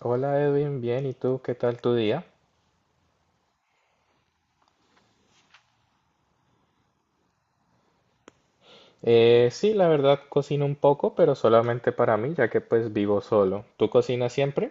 Hola Edwin, bien, ¿y tú qué tal tu día? Sí, la verdad cocino un poco, pero solamente para mí, ya que pues vivo solo. ¿Tú cocinas siempre?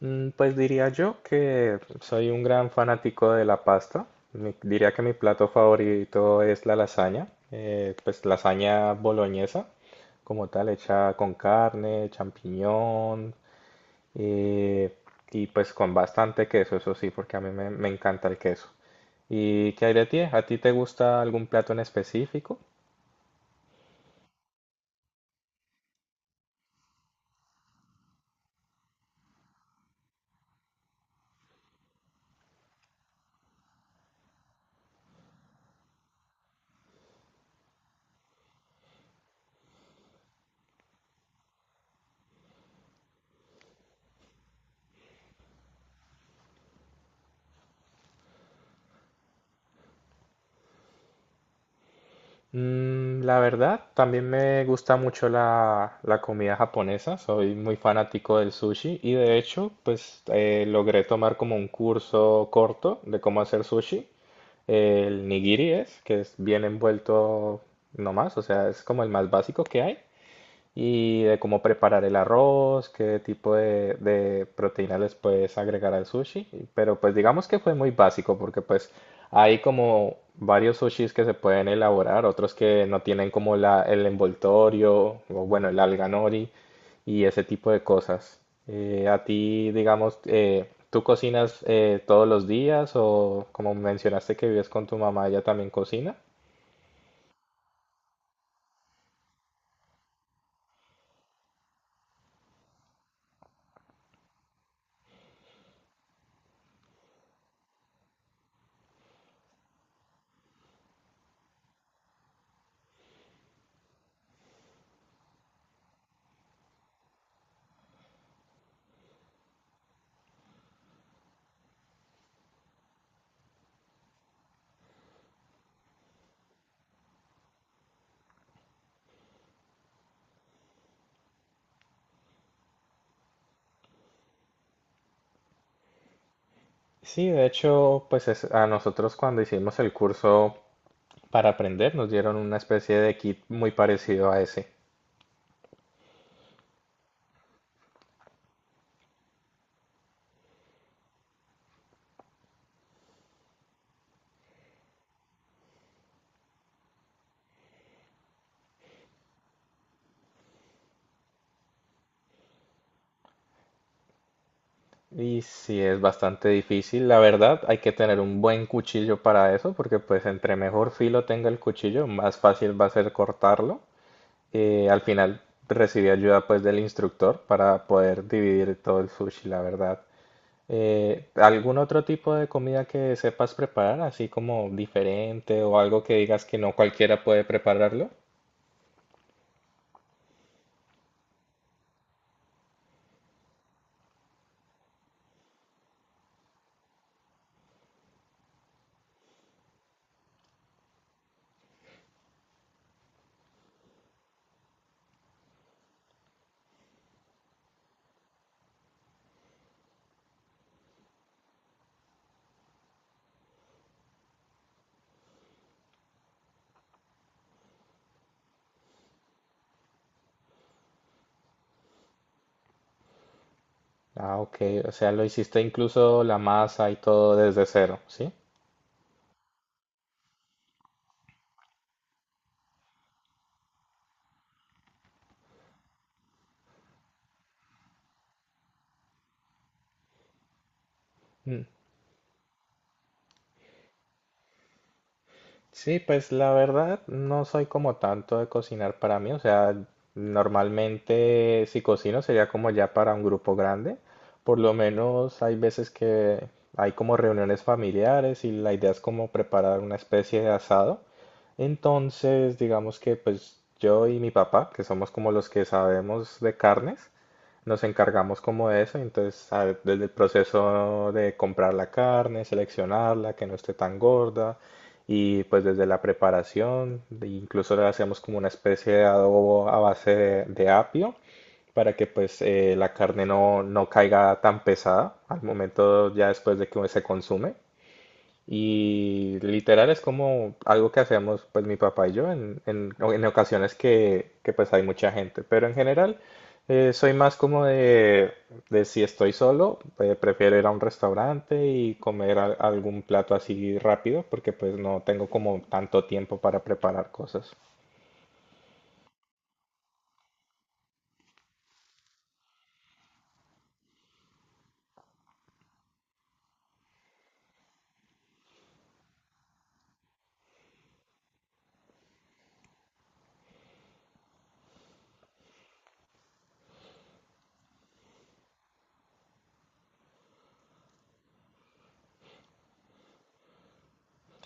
Pues diría yo que soy un gran fanático de la pasta. Diría que mi plato favorito es la lasaña, pues lasaña boloñesa, como tal, hecha con carne, champiñón, Eh, y pues con bastante queso, eso sí, porque a me encanta el queso. ¿Y qué hay de ti? ¿A ti te gusta algún plato en específico? La verdad, también me gusta mucho la comida japonesa, soy muy fanático del sushi y de hecho, pues logré tomar como un curso corto de cómo hacer sushi. El nigiri es, que es bien envuelto nomás, o sea, es como el más básico que hay. Y de cómo preparar el arroz, qué tipo de proteína les puedes agregar al sushi. Pero pues digamos que fue muy básico porque pues hay como varios sushis que se pueden elaborar, otros que no tienen como el envoltorio o bueno, el alga nori y ese tipo de cosas. A ti, digamos, ¿tú cocinas todos los días o como mencionaste que vives con tu mamá, ella también cocina? Sí, de hecho, pues a nosotros cuando hicimos el curso para aprender nos dieron una especie de kit muy parecido a ese. Y sí, es bastante difícil. La verdad, hay que tener un buen cuchillo para eso, porque pues entre mejor filo tenga el cuchillo, más fácil va a ser cortarlo. Al final recibí ayuda pues del instructor para poder dividir todo el sushi, la verdad. ¿Algún otro tipo de comida que sepas preparar, así como diferente o algo que digas que no cualquiera puede prepararlo? Ah, ok. O sea, lo hiciste incluso la masa y todo desde cero, ¿sí? Mm. Sí, pues la verdad no soy como tanto de cocinar para mí, o sea, normalmente si cocino sería como ya para un grupo grande, por lo menos hay veces que hay como reuniones familiares y la idea es como preparar una especie de asado, entonces digamos que pues yo y mi papá, que somos como los que sabemos de carnes, nos encargamos como de eso, entonces desde el proceso de comprar la carne, seleccionarla, que no esté tan gorda, y pues desde la preparación, incluso le hacemos como una especie de adobo a base de apio para que pues la carne no caiga tan pesada al momento ya después de que se consume. Y literal es como algo que hacemos pues mi papá y yo en ocasiones que, pues hay mucha gente. Pero en general soy más como de si estoy solo, prefiero ir a un restaurante y comer algún plato así rápido porque pues no tengo como tanto tiempo para preparar cosas.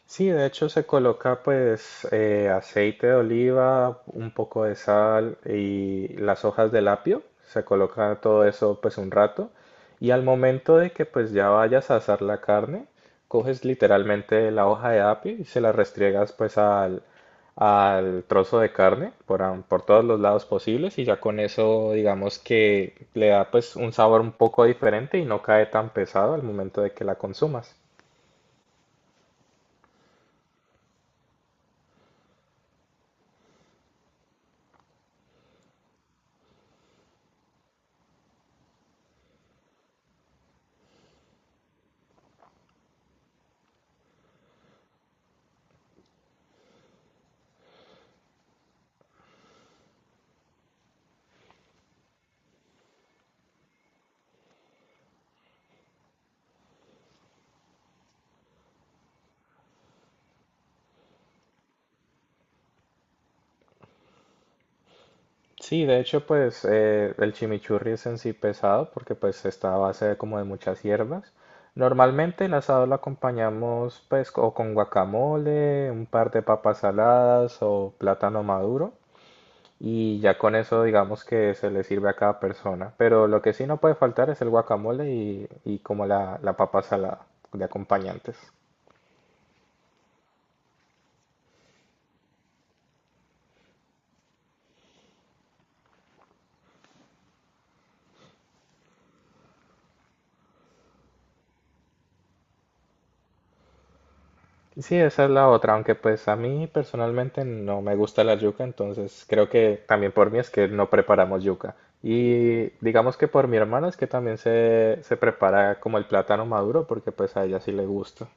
Sí, de hecho se coloca pues aceite de oliva, un poco de sal y las hojas del apio. Se coloca todo eso pues un rato. Y al momento de que pues ya vayas a asar la carne, coges literalmente la hoja de apio y se la restriegas pues al, al trozo de carne por, por todos los lados posibles y ya con eso digamos que le da pues un sabor un poco diferente y no cae tan pesado al momento de que la consumas. Sí, de hecho, pues el chimichurri es en sí pesado porque pues está a base de como de muchas hierbas. Normalmente el asado lo acompañamos pues o con guacamole, un par de papas saladas o plátano maduro y ya con eso digamos que se le sirve a cada persona. Pero lo que sí no puede faltar es el guacamole y como la papa salada de acompañantes. Sí, esa es la otra, aunque pues a mí personalmente no me gusta la yuca, entonces creo que también por mí es que no preparamos yuca. Y digamos que por mi hermana es que también se prepara como el plátano maduro, porque pues a ella sí le gusta.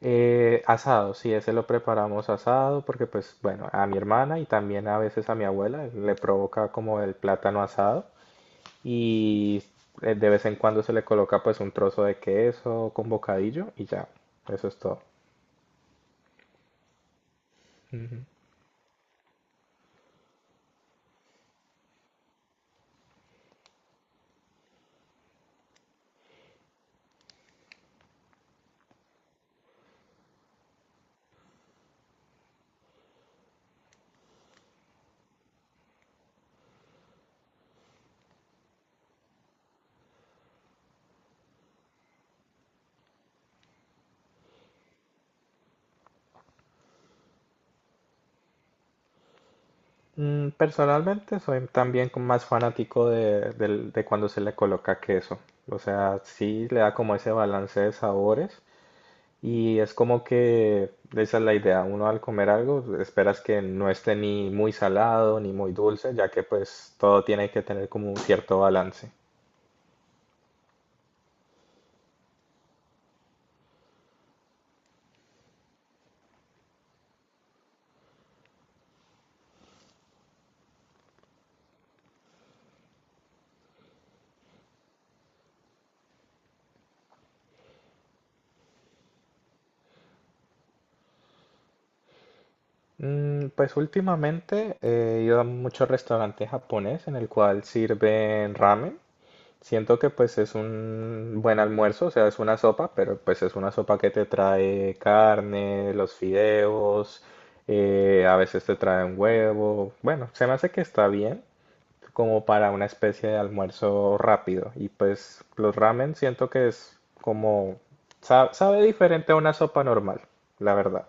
Asado, sí, ese lo preparamos asado, porque pues bueno, a mi hermana y también a veces a mi abuela le provoca como el plátano asado y de vez en cuando se le coloca pues un trozo de queso con bocadillo y ya, eso es todo. Mm, personalmente soy también como más fanático de cuando se le coloca queso. O sea, sí le da como ese balance de sabores y es como que esa es la idea. Uno al comer algo esperas que no esté ni muy salado ni muy dulce, ya que pues todo tiene que tener como un cierto balance. Mm, pues últimamente he ido a muchos restaurantes japonés en el cual sirven ramen. Siento que pues es un buen almuerzo, o sea, es una sopa, pero pues es una sopa que te trae carne, los fideos, a veces te trae un huevo. Bueno, se me hace que está bien como para una especie de almuerzo rápido. Y pues los ramen siento que es como, sabe diferente a una sopa normal, la verdad.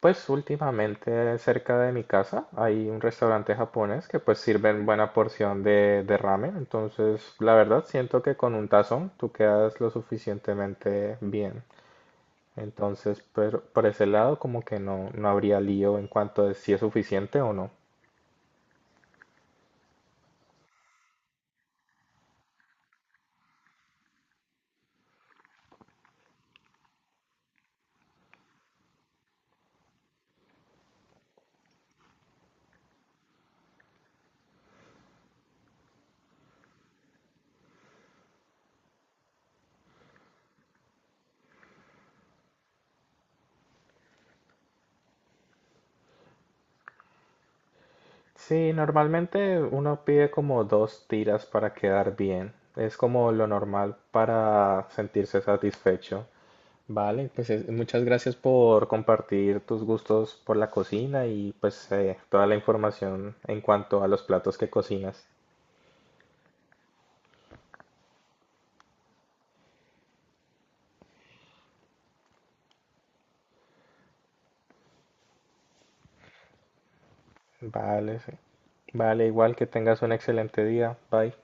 Pues últimamente cerca de mi casa hay un restaurante japonés que pues sirven buena porción de ramen, entonces la verdad siento que con un tazón tú quedas lo suficientemente bien. Entonces pero por ese lado como que no habría lío en cuanto a si es suficiente o no. Sí, normalmente uno pide como dos tiras para quedar bien, es como lo normal para sentirse satisfecho. Vale, pues muchas gracias por compartir tus gustos por la cocina y pues toda la información en cuanto a los platos que cocinas. Vale, sí. Vale, igual que tengas un excelente día. Bye.